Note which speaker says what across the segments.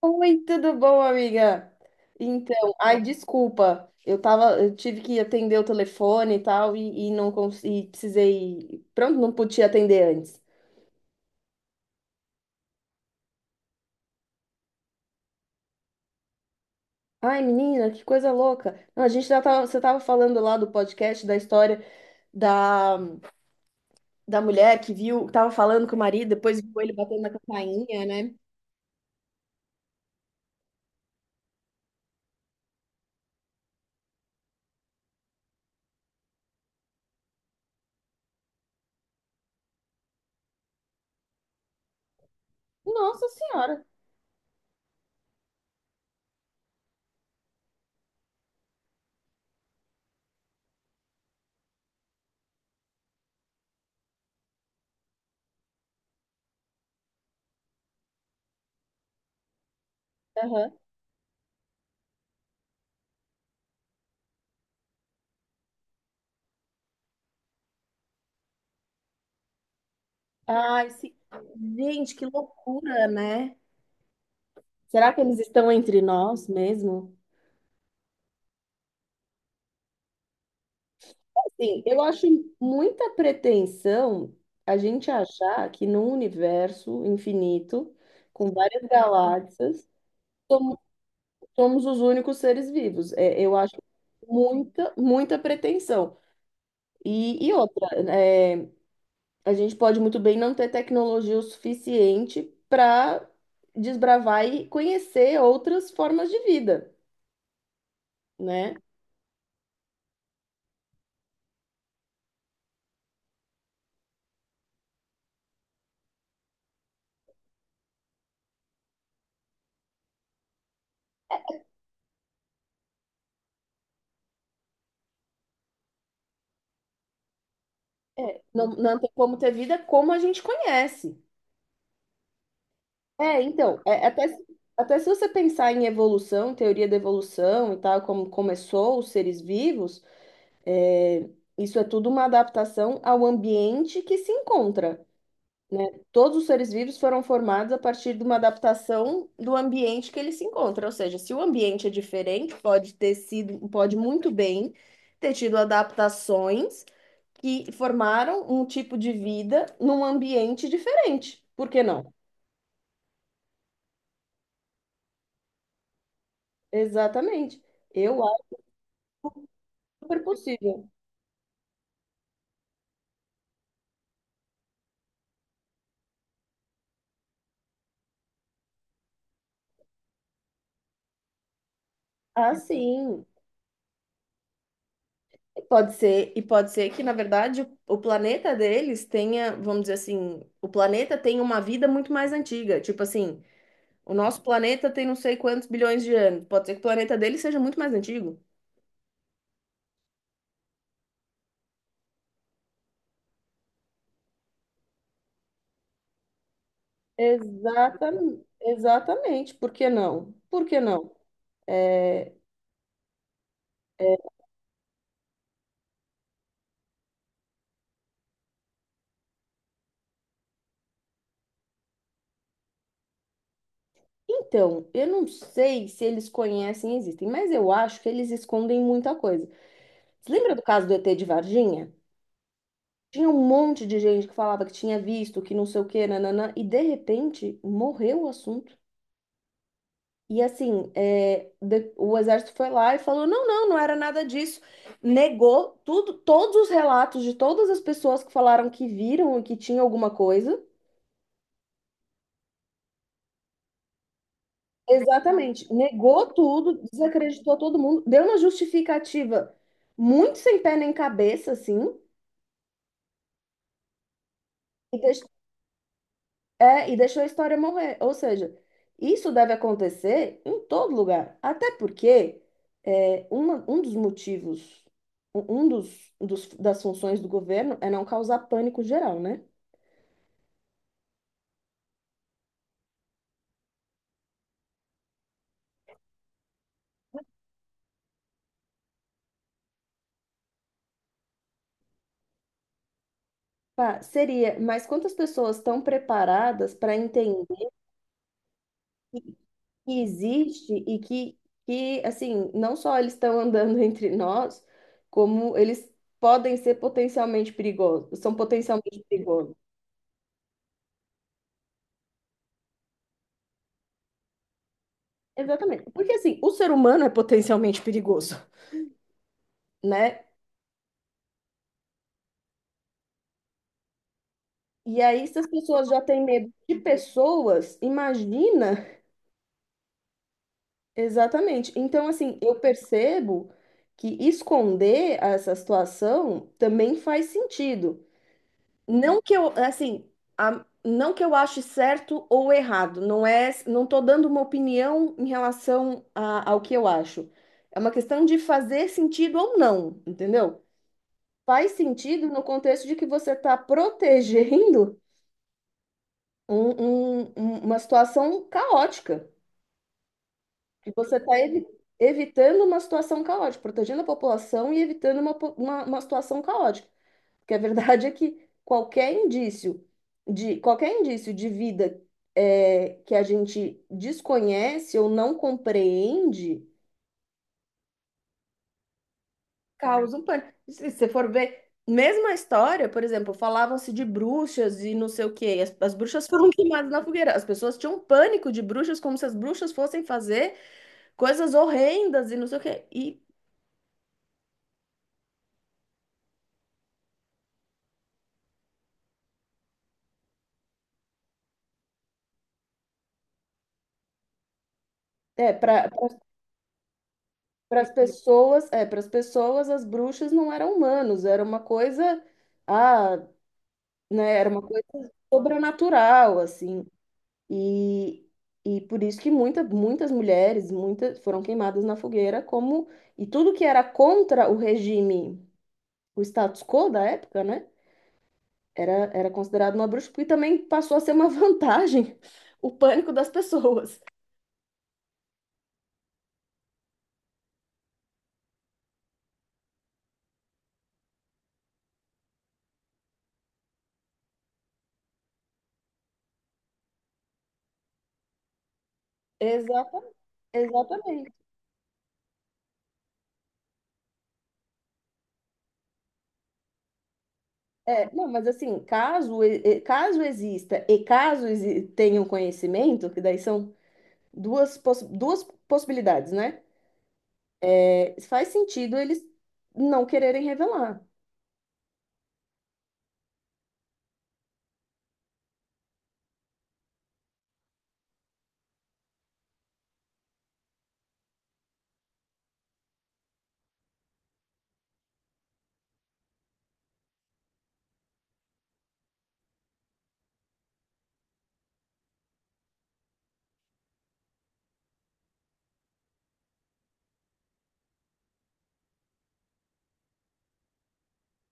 Speaker 1: Oi, tudo bom, amiga? Então, ai, desculpa, eu tive que atender o telefone e tal, e não consegui, precisei, pronto, não podia atender antes. Ai, menina, que coisa louca. Não, a gente já tava, você tava falando lá do podcast, da história da, da mulher que viu, tava falando com o marido, depois viu ele batendo na campainha, né? Nossa Senhora! Aham. Ai, sim. Gente, que loucura, né? Será que eles estão entre nós mesmo? Sim, eu acho muita pretensão a gente achar que num universo infinito, com várias galáxias, somos, somos os únicos seres vivos. É, eu acho muita pretensão. E outra, é, a gente pode muito bem não ter tecnologia o suficiente para desbravar e conhecer outras formas de vida, né? É, não, não tem como ter vida como a gente conhece. É, então, até, até se você pensar em evolução, teoria da evolução e tal, como começou os seres vivos, é, isso é tudo uma adaptação ao ambiente que se encontra, né? Todos os seres vivos foram formados a partir de uma adaptação do ambiente que eles se encontram. Ou seja, se o ambiente é diferente, pode muito bem ter tido adaptações que formaram um tipo de vida num ambiente diferente. Por que não? Exatamente. Eu Super possível. Ah, sim. E pode ser, e pode ser que, na verdade, o planeta deles tenha, vamos dizer assim, o planeta tem uma vida muito mais antiga. Tipo assim, o nosso planeta tem não sei quantos bilhões de anos. Pode ser que o planeta deles seja muito mais antigo. Exatamente, exatamente. Por que não? Por que não? Então, eu não sei se eles conhecem e existem, mas eu acho que eles escondem muita coisa. Você lembra do caso do ET de Varginha? Tinha um monte de gente que falava que tinha visto, que não sei o que, nananã, e de repente morreu o assunto. E assim, o exército foi lá e falou: não, não, não era nada disso. Negou tudo, todos os relatos de todas as pessoas que falaram que viram e que tinha alguma coisa. Exatamente, negou tudo, desacreditou todo mundo, deu uma justificativa muito sem pé nem cabeça, assim, e, deix- é, e deixou a história morrer. Ou seja, isso deve acontecer em todo lugar. Até porque um dos motivos, um das funções do governo é não causar pânico geral, né? Pá, seria, mas quantas pessoas estão preparadas para entender que existe e assim, não só eles estão andando entre nós, como eles podem ser potencialmente perigosos, são potencialmente perigosos. Exatamente. Porque assim, o ser humano é potencialmente perigoso, né? E aí, se as pessoas já têm medo de pessoas, imagina. Exatamente. Então, assim, eu percebo que esconder essa situação também faz sentido. Não que eu, assim, não que eu ache certo ou errado. Não é, não tô dando uma opinião em relação ao que eu acho. É uma questão de fazer sentido ou não, entendeu? Faz sentido no contexto de que você está protegendo uma situação caótica, que você está evitando uma situação caótica, protegendo a população e evitando uma situação caótica. Porque a verdade é que qualquer indício de vida que a gente desconhece ou não compreende causa um pânico. Se você for ver, mesma história, por exemplo, falavam-se de bruxas e não sei o quê. E as bruxas foram queimadas na fogueira. As pessoas tinham um pânico de bruxas, como se as bruxas fossem fazer coisas horrendas e não sei o quê. E é, para é, para as pessoas, as bruxas não eram humanos, era uma coisa, ah, né, era uma coisa sobrenatural, assim. E, e por isso que muitas mulheres, muitas foram queimadas na fogueira como e tudo que era contra o regime, o status quo da época, né? Era considerado uma bruxa e também passou a ser uma vantagem o pânico das pessoas. Exata, exatamente. É, não, mas assim, caso exista e tenham conhecimento, que daí são duas possibilidades, né? É, faz sentido eles não quererem revelar.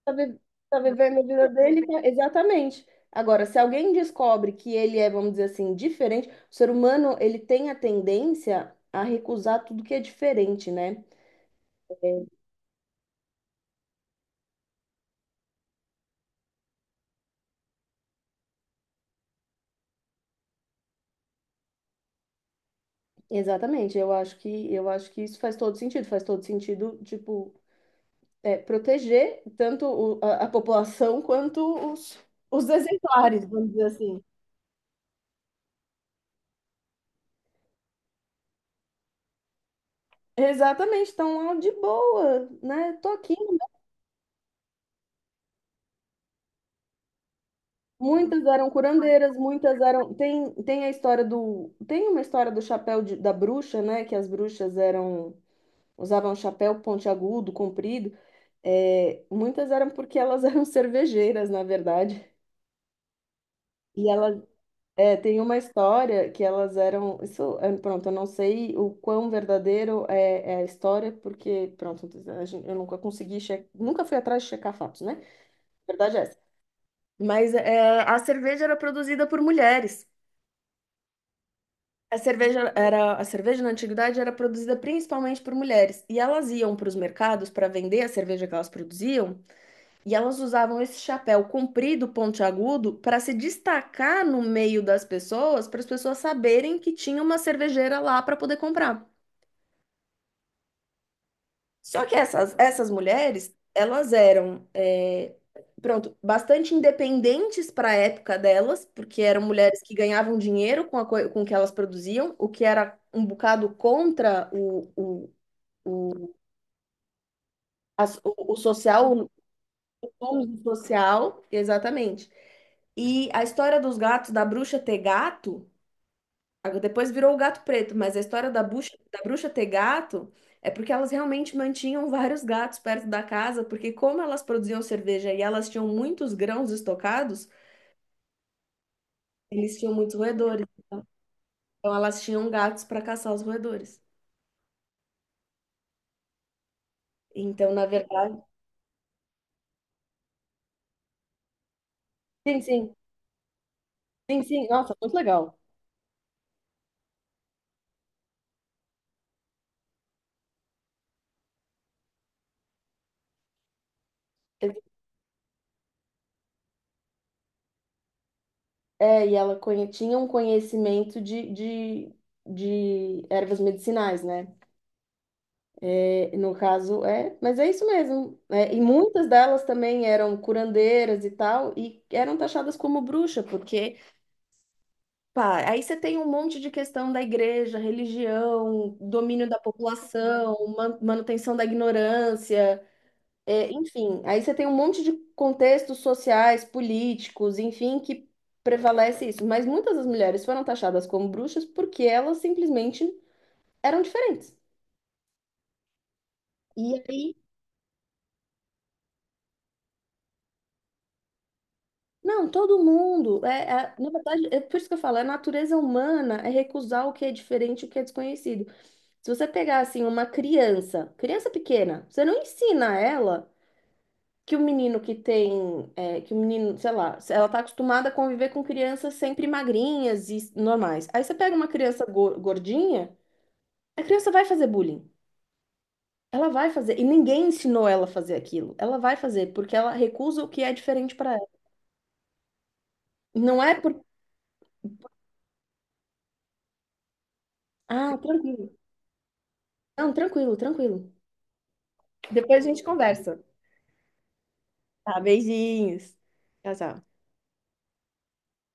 Speaker 1: tá vi- tá vivendo a vida dele, tá, exatamente. Agora, se alguém descobre que ele é, vamos dizer assim, diferente, o ser humano, ele tem a tendência a recusar tudo que é diferente, né? Exatamente. Eu acho que isso faz todo sentido, tipo, proteger tanto a população quanto os, os exemplares, vamos dizer assim. Exatamente, estão de boa, né? Tô aqui. Muitas eram curandeiras, muitas eram. Tem a história do. Tem uma história do da bruxa, né? Que as bruxas eram. Usavam chapéu pontiagudo, comprido. É, muitas eram porque elas eram cervejeiras, na verdade. E elas. É, tem uma história que elas eram. Isso, é, pronto, eu não sei o quão verdadeiro é a história, porque, pronto, eu nunca consegui. Che... Nunca fui atrás de checar fatos, né? Verdade é essa. Mas é, a cerveja era produzida por mulheres. A cerveja na antiguidade era produzida principalmente por mulheres, e elas iam para os mercados para vender a cerveja que elas produziam, e elas usavam esse chapéu comprido, pontiagudo, para se destacar no meio das pessoas, para as pessoas saberem que tinha uma cervejeira lá para poder comprar. Só que essas mulheres, elas eram, é, pronto, bastante independentes para a época delas, porque eram mulheres que ganhavam dinheiro com o que elas produziam, o que era um bocado contra o, o social, o uso social, exatamente. E a história dos gatos, da bruxa ter gato, agora, depois virou o gato preto, mas a história da bruxa ter gato é porque elas realmente mantinham vários gatos perto da casa, porque como elas produziam cerveja e elas tinham muitos grãos estocados, eles tinham muitos roedores. Então elas tinham gatos para caçar os roedores. Então, na verdade, sim, sim, sim, sim, nossa, muito legal. É, tinha um conhecimento de ervas medicinais, né? No caso, é, mas é isso mesmo. É, e muitas delas também eram curandeiras e tal, e eram taxadas como bruxa, porque, pá, aí você tem um monte de questão da igreja, religião, domínio da população, manutenção da ignorância, é, enfim, aí você tem um monte de contextos sociais, políticos, enfim, que prevalece isso. Mas muitas das mulheres foram taxadas como bruxas porque elas simplesmente eram diferentes. E aí Não, todo mundo. Na verdade, é por isso que eu falo, a natureza humana é recusar o que é diferente, o que é desconhecido. Se você pegar, assim, uma criança, criança pequena, você não ensina ela que o menino que tem, que o menino, sei lá, se ela está acostumada a conviver com crianças sempre magrinhas e normais. Aí você pega uma criança gordinha, a criança vai fazer bullying. Ela vai fazer, e ninguém ensinou ela a fazer aquilo. Ela vai fazer, porque ela recusa o que é diferente para ela. Não é por... Ah, tranquilo. Não, tranquilo, tranquilo. Depois a gente conversa. Tá, beijinhos. Tchau, tchau.